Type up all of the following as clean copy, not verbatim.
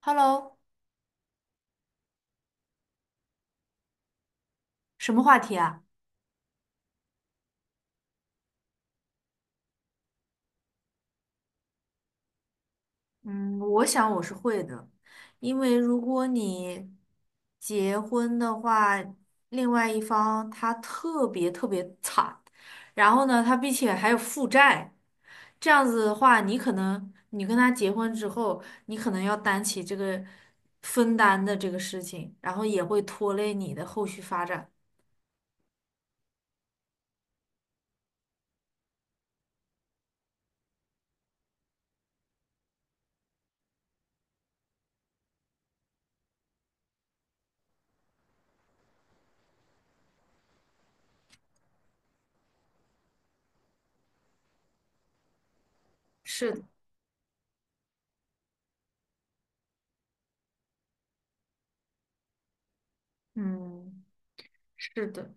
Hello，什么话题啊？嗯，我想我是会的，因为如果你结婚的话，另外一方他特别特别惨，然后呢，他并且还有负债，这样子的话，你可能你跟他结婚之后，你可能要担起这个分担的这个事情，然后也会拖累你的后续发展。是的，嗯，是的。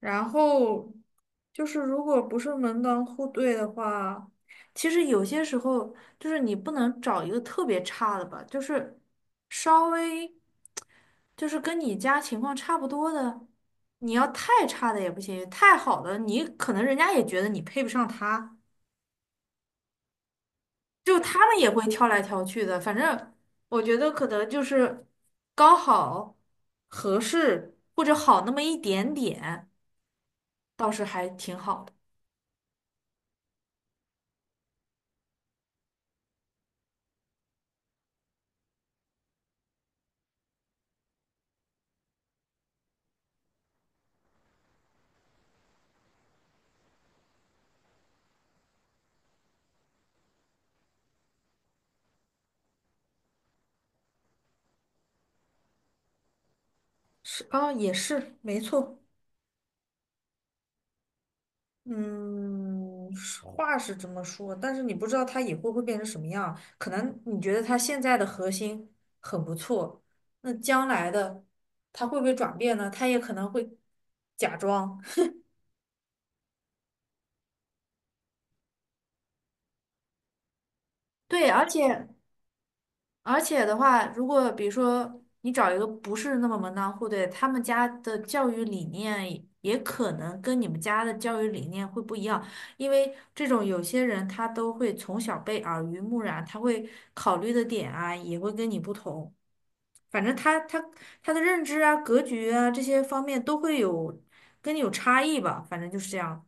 然后就是如果不是门当户对的话，其实有些时候就是你不能找一个特别差的吧，就是稍微就是跟你家情况差不多的，你要太差的也不行，太好的你可能人家也觉得你配不上他，就他们也会挑来挑去的。反正我觉得可能就是刚好合适或者好那么一点点，倒是还挺好的。是啊，也是没错。嗯，是话是这么说，但是你不知道他以后会变成什么样。可能你觉得他现在的核心很不错，那将来的他会不会转变呢？他也可能会假装。对，而且的话，如果比如说你找一个不是那么门当户对，他们家的教育理念也可能跟你们家的教育理念会不一样，因为这种有些人他都会从小被耳濡目染，他会考虑的点啊也会跟你不同，反正他的认知啊、格局啊这些方面都会有跟你有差异吧，反正就是这样。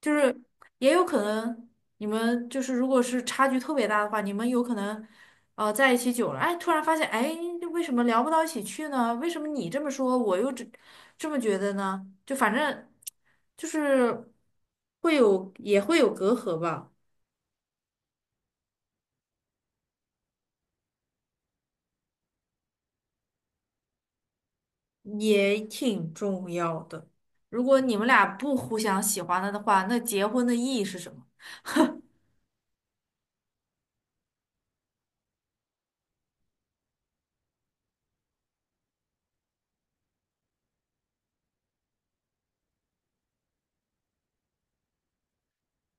就是也有可能你们就是如果是差距特别大的话，你们有可能在一起久了，哎，突然发现，哎，为什么聊不到一起去呢？为什么你这么说，我又这么觉得呢？就反正就是会有也会有隔阂吧，也挺重要的。如果你们俩不互相喜欢了的话，那结婚的意义是什么？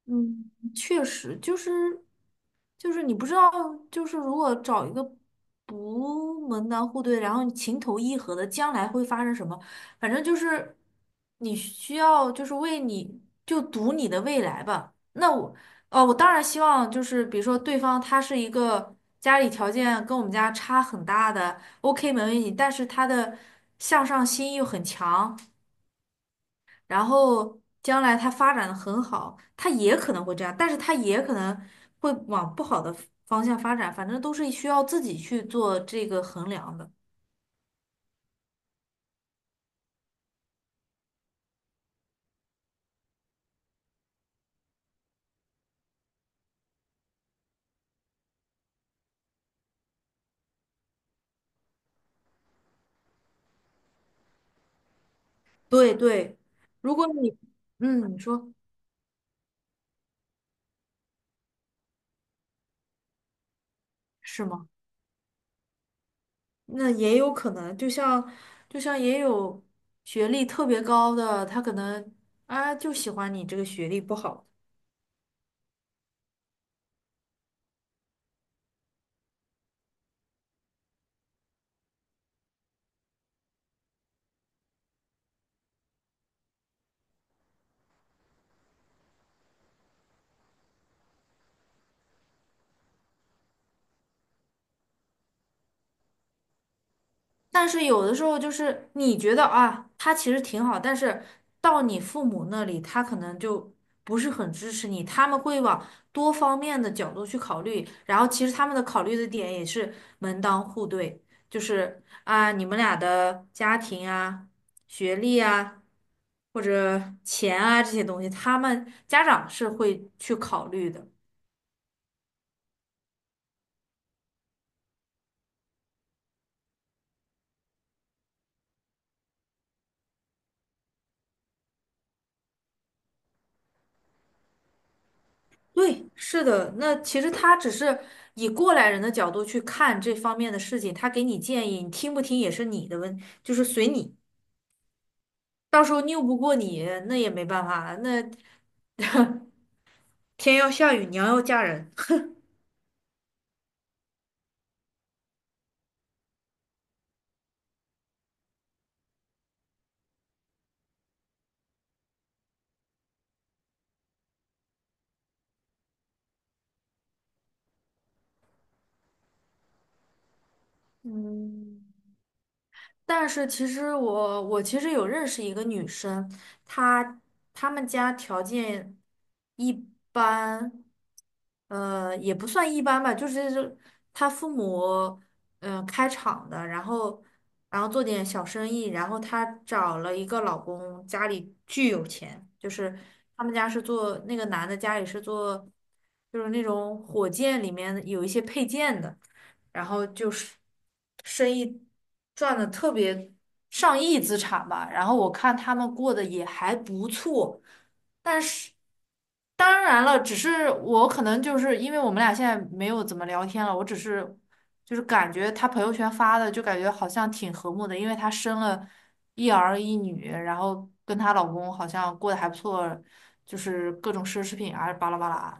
嗯，确实就是就是你不知道，就是如果找一个不门当户对，然后你情投意合的，将来会发生什么？反正就是你需要就是为你就赌你的未来吧。那我哦，我当然希望就是比如说对方他是一个家里条件跟我们家差很大的，OK 没问题，但是他的向上心又很强。然后将来它发展的很好，它也可能会这样，但是它也可能会往不好的方向发展，反正都是需要自己去做这个衡量的。对对，如果你，嗯，你说是吗？那也有可能，就像就像也有学历特别高的，他可能啊就喜欢你这个学历不好。但是有的时候就是你觉得啊，他其实挺好，但是到你父母那里，他可能就不是很支持你，他们会往多方面的角度去考虑，然后其实他们的考虑的点也是门当户对，就是啊，你们俩的家庭啊、学历啊，或者钱啊这些东西，他们家长是会去考虑的。对，是的，那其实他只是以过来人的角度去看这方面的事情，他给你建议，你听不听也是你的问，就是随你。到时候拗不过你，那也没办法了那天要下雨，娘要嫁人。嗯。但是其实我其实有认识一个女生，她她们家条件一般，呃，也不算一般吧，就是她父母开厂的，然后做点小生意，然后她找了一个老公，家里巨有钱，就是他们家是做那个男的家里是做就是那种火箭里面有一些配件的。然后就是生意赚的特别上亿资产吧。然后我看他们过得也还不错。当然了，只是我可能就是因为我们俩现在没有怎么聊天了，我只是就是感觉他朋友圈发的，就感觉好像挺和睦的，因为她生了一儿一女，然后跟她老公好像过得还不错，就是各种奢侈品啊，巴拉巴拉。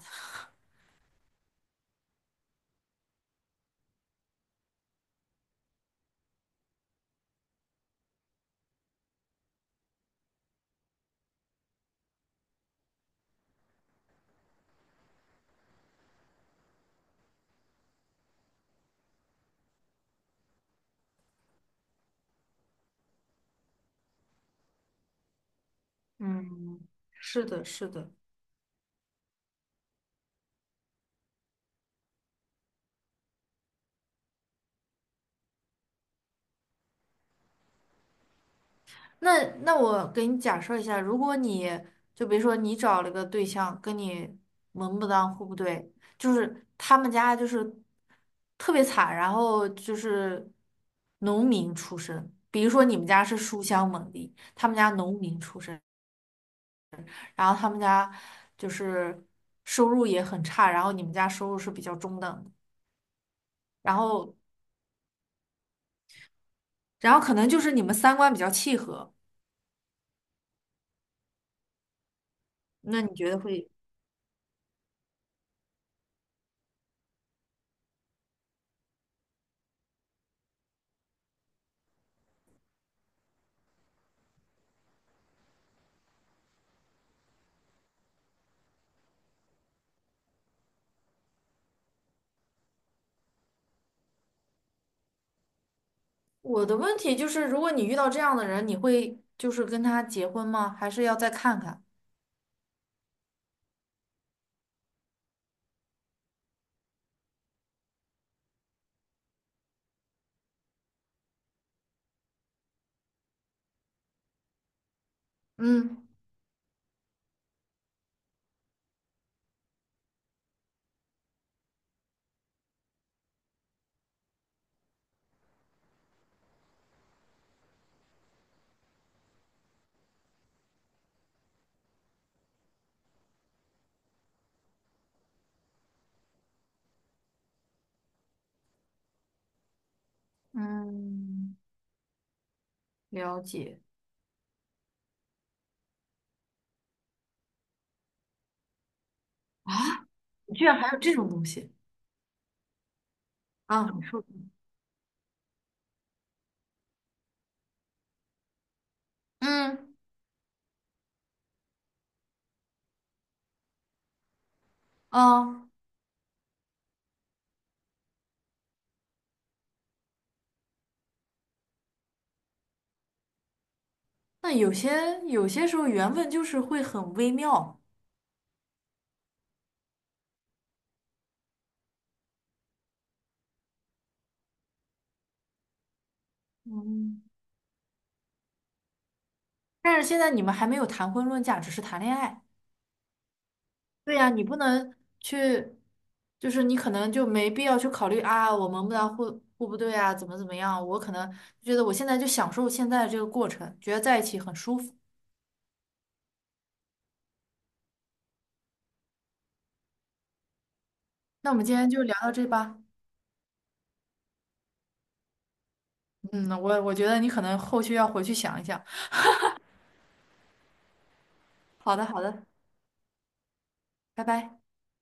嗯，是的，是的。那我给你假设一下，如果你就比如说你找了个对象，跟你门不当户不对，就是他们家就是特别惨，然后就是农民出身，比如说你们家是书香门第，他们家农民出身，然后他们家就是收入也很差，然后你们家收入是比较中等的，然后然后可能就是你们三观比较契合，那你觉得会？我的问题就是，如果你遇到这样的人，你会就是跟他结婚吗？还是要再看看？嗯，嗯，了解。居然还有这种东西啊！你说，嗯，啊，那有些时候缘分就是会很微妙。嗯，但是现在你们还没有谈婚论嫁，只是谈恋爱。对呀，你不能去，就是你可能就没必要去考虑啊，我们不当互不对啊，怎么样？我可能觉得我现在就享受现在这个过程，觉得在一起很舒服。那我们今天就聊到这吧。嗯，我觉得你可能后续要回去想一想。好的，好的，拜拜。